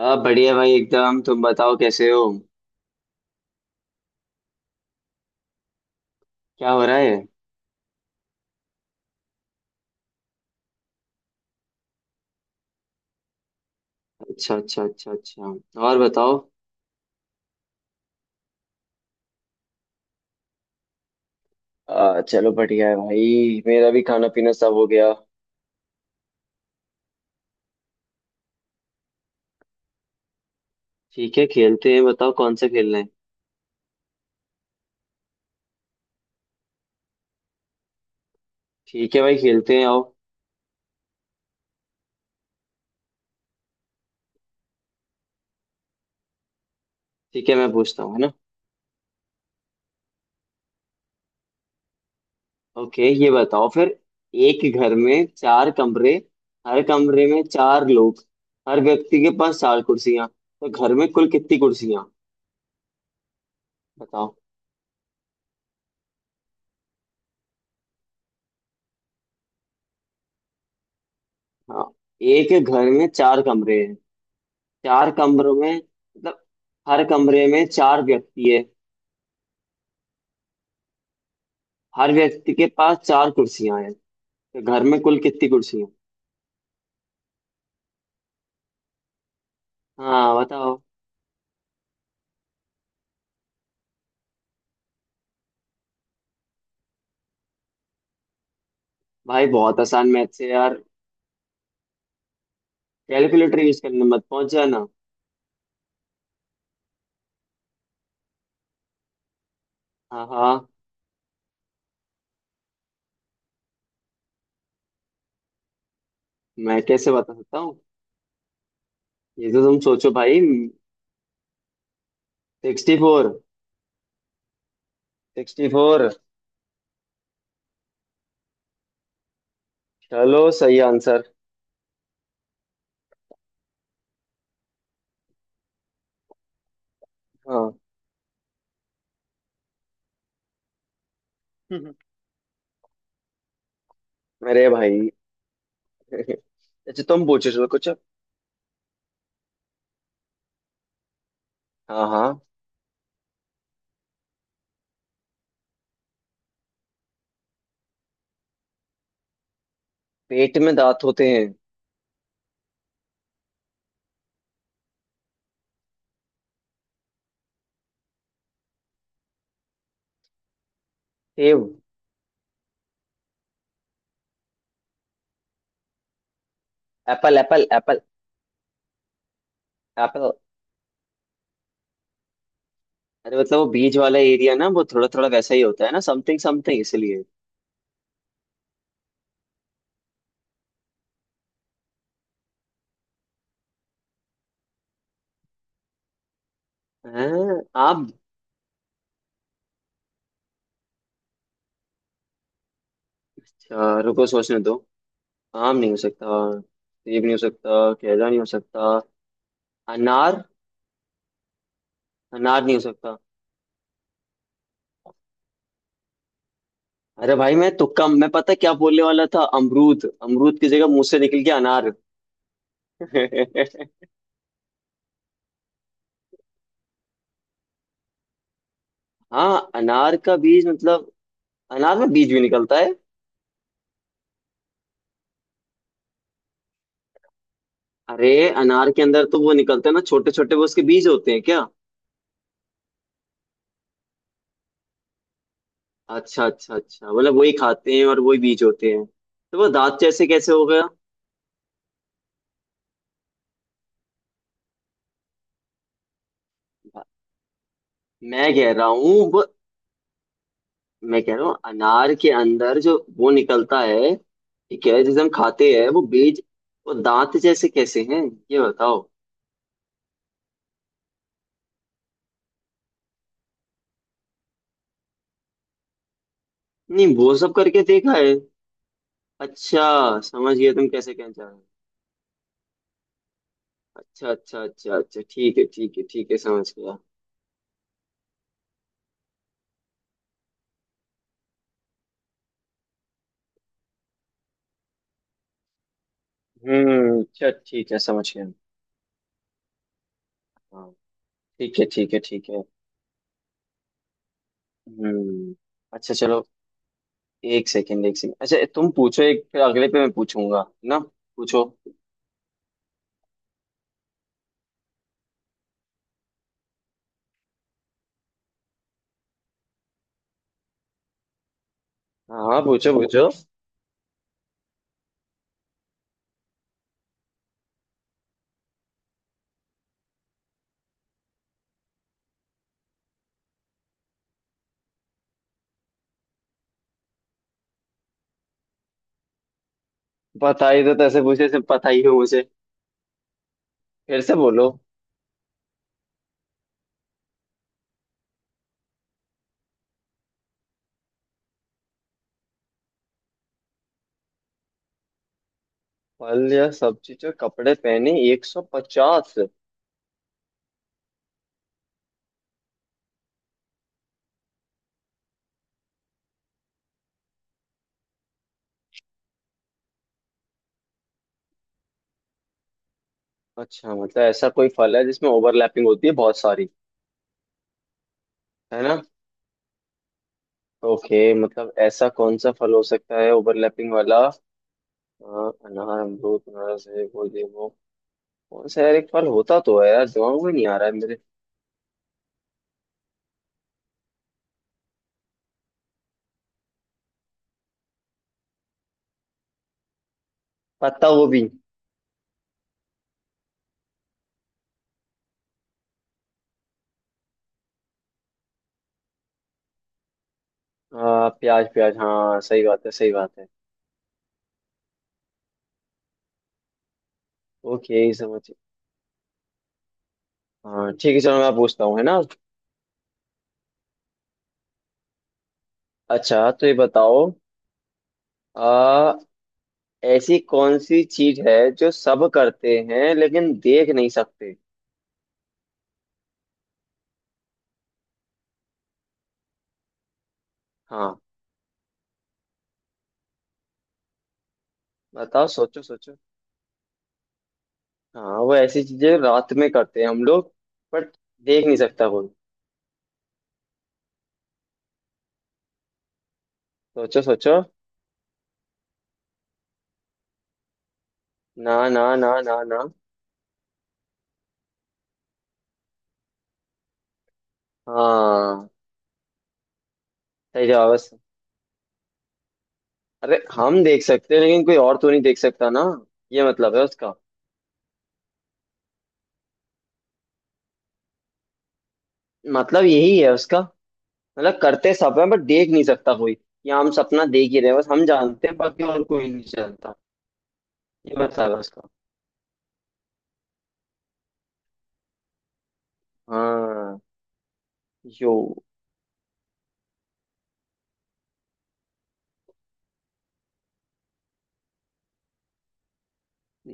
हाँ बढ़िया भाई एकदम। तुम बताओ कैसे हो? क्या हो रहा है? अच्छा अच्छा अच्छा अच्छा। और बताओ। चलो बढ़िया है भाई, मेरा भी खाना पीना सब हो गया। ठीक है, खेलते हैं, बताओ कौन सा खेलना है। ठीक है भाई, खेलते हैं, आओ। ठीक है, मैं पूछता हूँ, है ना। ओके, ये बताओ फिर। एक घर में चार कमरे, हर कमरे में चार लोग, हर व्यक्ति के पास चार कुर्सियां, तो घर में कुल कितनी कुर्सियां? बताओ। हाँ, एक घर में चार कमरे हैं। चार कमरों में मतलब हर कमरे में चार व्यक्ति है। हर व्यक्ति के पास चार कुर्सियां हैं। तो घर में कुल कितनी कुर्सियां? हाँ बताओ। भाई बहुत आसान मैथ्स है यार। कैलकुलेटर यूज करने मत पहुंच जाना। हाँ हाँ। मैं कैसे बता सकता हूँ? ये तो तुम सोचो भाई। Sixty four. Sixty four. चलो, सही आंसर। हाँ। मेरे भाई। अच्छा, तुम पूछो चलो कुछ। हाँ हाँ। पेट में दांत होते हैं? सेब। Apple apple apple apple. अरे मतलब वो बीच वाला एरिया ना, वो थोड़ा थोड़ा वैसा ही होता है ना, समथिंग समथिंग, इसलिए। हैं? आम। अच्छा, रुको सोचने दो। आम नहीं हो सकता, सेब नहीं हो सकता, केला नहीं हो सकता। अनार। अनार नहीं हो सकता। अरे भाई मैं तुक्का, मैं पता क्या बोलने वाला था, अमरूद। अमरूद की जगह मुंह से निकल गया अनार। हाँ अनार का बीज मतलब? अनार में बीज भी निकलता है? अरे अनार के अंदर तो वो निकलते हैं ना, छोटे छोटे, वो उसके बीज होते हैं क्या? अच्छा अच्छा अच्छा, मतलब वही खाते हैं और वही बीज होते हैं। तो वो दांत जैसे कैसे हो गया? मैं कह रहा हूँ वो, मैं कह रहा हूँ अनार के अंदर जो वो निकलता है, ठीक है, जैसे हम खाते हैं वो बीज, वो दांत जैसे कैसे हैं, ये बताओ। नहीं, वो सब करके देखा है। अच्छा, समझ गया तुम कैसे कहना चाह रहे हो। अच्छा अच्छा अच्छा अच्छा, ठीक है ठीक है ठीक है, समझ गया। हम्म, अच्छा ठीक है समझ गया। हाँ। ठीक है ठीक है ठीक है। हम्म। अच्छा चलो। एक सेकेंड एक सेकेंड, अच्छा तुम पूछो एक, फिर अगले पे मैं पूछूंगा, है ना। पूछो। हाँ पूछो पूछो। पता ही तो तैसे पूछे से पता ही हो मुझे। फिर से बोलो। फल या सब्जी जो कपड़े पहने 150। अच्छा, मतलब ऐसा कोई फल है जिसमें ओवरलैपिंग होती है बहुत सारी, है ना? ओके, मतलब ऐसा कौन सा फल हो सकता है ओवरलैपिंग वाला? अ, अनार, अमरूद, अनारस, है वो ये वो, कौन सा यार? एक फल होता तो है यार, दिमाग में नहीं आ रहा है मेरे। पत्ता गोभी। हाँ प्याज प्याज, हाँ सही बात है सही बात है। ओके समझ। हाँ ठीक है, चलो मैं पूछता हूँ, है ना। अच्छा तो ये बताओ। आ, ऐसी कौन सी चीज है जो सब करते हैं लेकिन देख नहीं सकते? हाँ बताओ, सोचो सोचो। हाँ वो ऐसी चीजें रात में करते हैं हम लोग, बट देख नहीं सकता कोई। सोचो सोचो। ना ना ना ना ना। हाँ सही जवाब है। अरे हम देख सकते हैं लेकिन कोई और तो नहीं देख सकता ना, ये मतलब है उसका। मतलब यही है उसका, मतलब करते सब है बट देख नहीं सकता कोई। ये हम सपना देख ही रहे हैं बस, हम जानते हैं बाकी और कोई नहीं जानता। ये बता बस का। हाँ। यो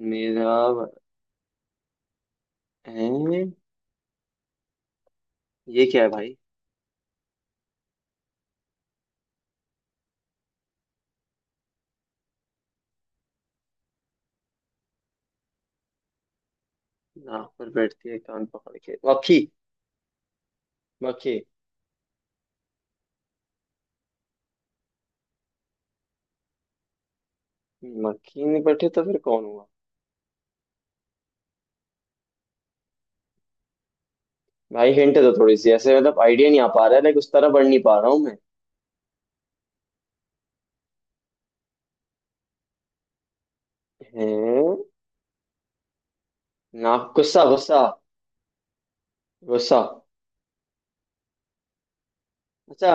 मेरा है। ये क्या है भाई? नाक पर बैठती है कान पकड़ के? मक्खी। मक्खी। मक्खी नहीं बैठी तो फिर कौन हुआ? भाई हिंट दो थोड़ी सी, ऐसे मतलब आइडिया नहीं आ पा रहा है, लाइक उस तरह बढ़ नहीं पा रहा हूँ मैं। हैं? नाक गुस्सा, गुस्सा गुस्सा। अच्छा,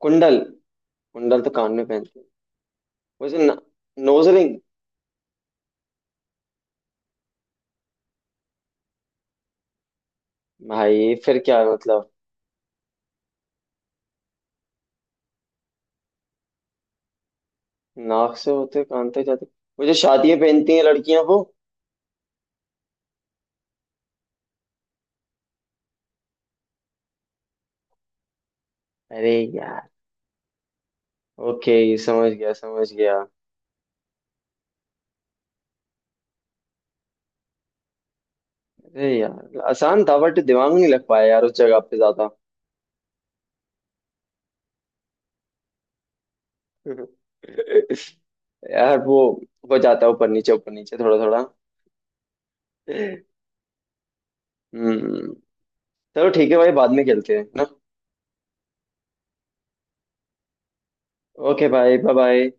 कुंडल। कुंडल तो कान में पहनते हैं वैसे। Nose ring. भाई फिर क्या है मतलब? नाक से होते कान तक जाते। वो जो शादियां पहनती हैं लड़कियां वो। अरे यार। ओके, समझ गया समझ गया। अरे यार आसान था बट दिमाग नहीं लग पाया यार उस जगह पे ज्यादा। यार वो हो जाता है ऊपर नीचे थोड़ा थोड़ा। हम्म। चलो ठीक है भाई, बाद में खेलते हैं ना। ओके भाई, बाय बाय।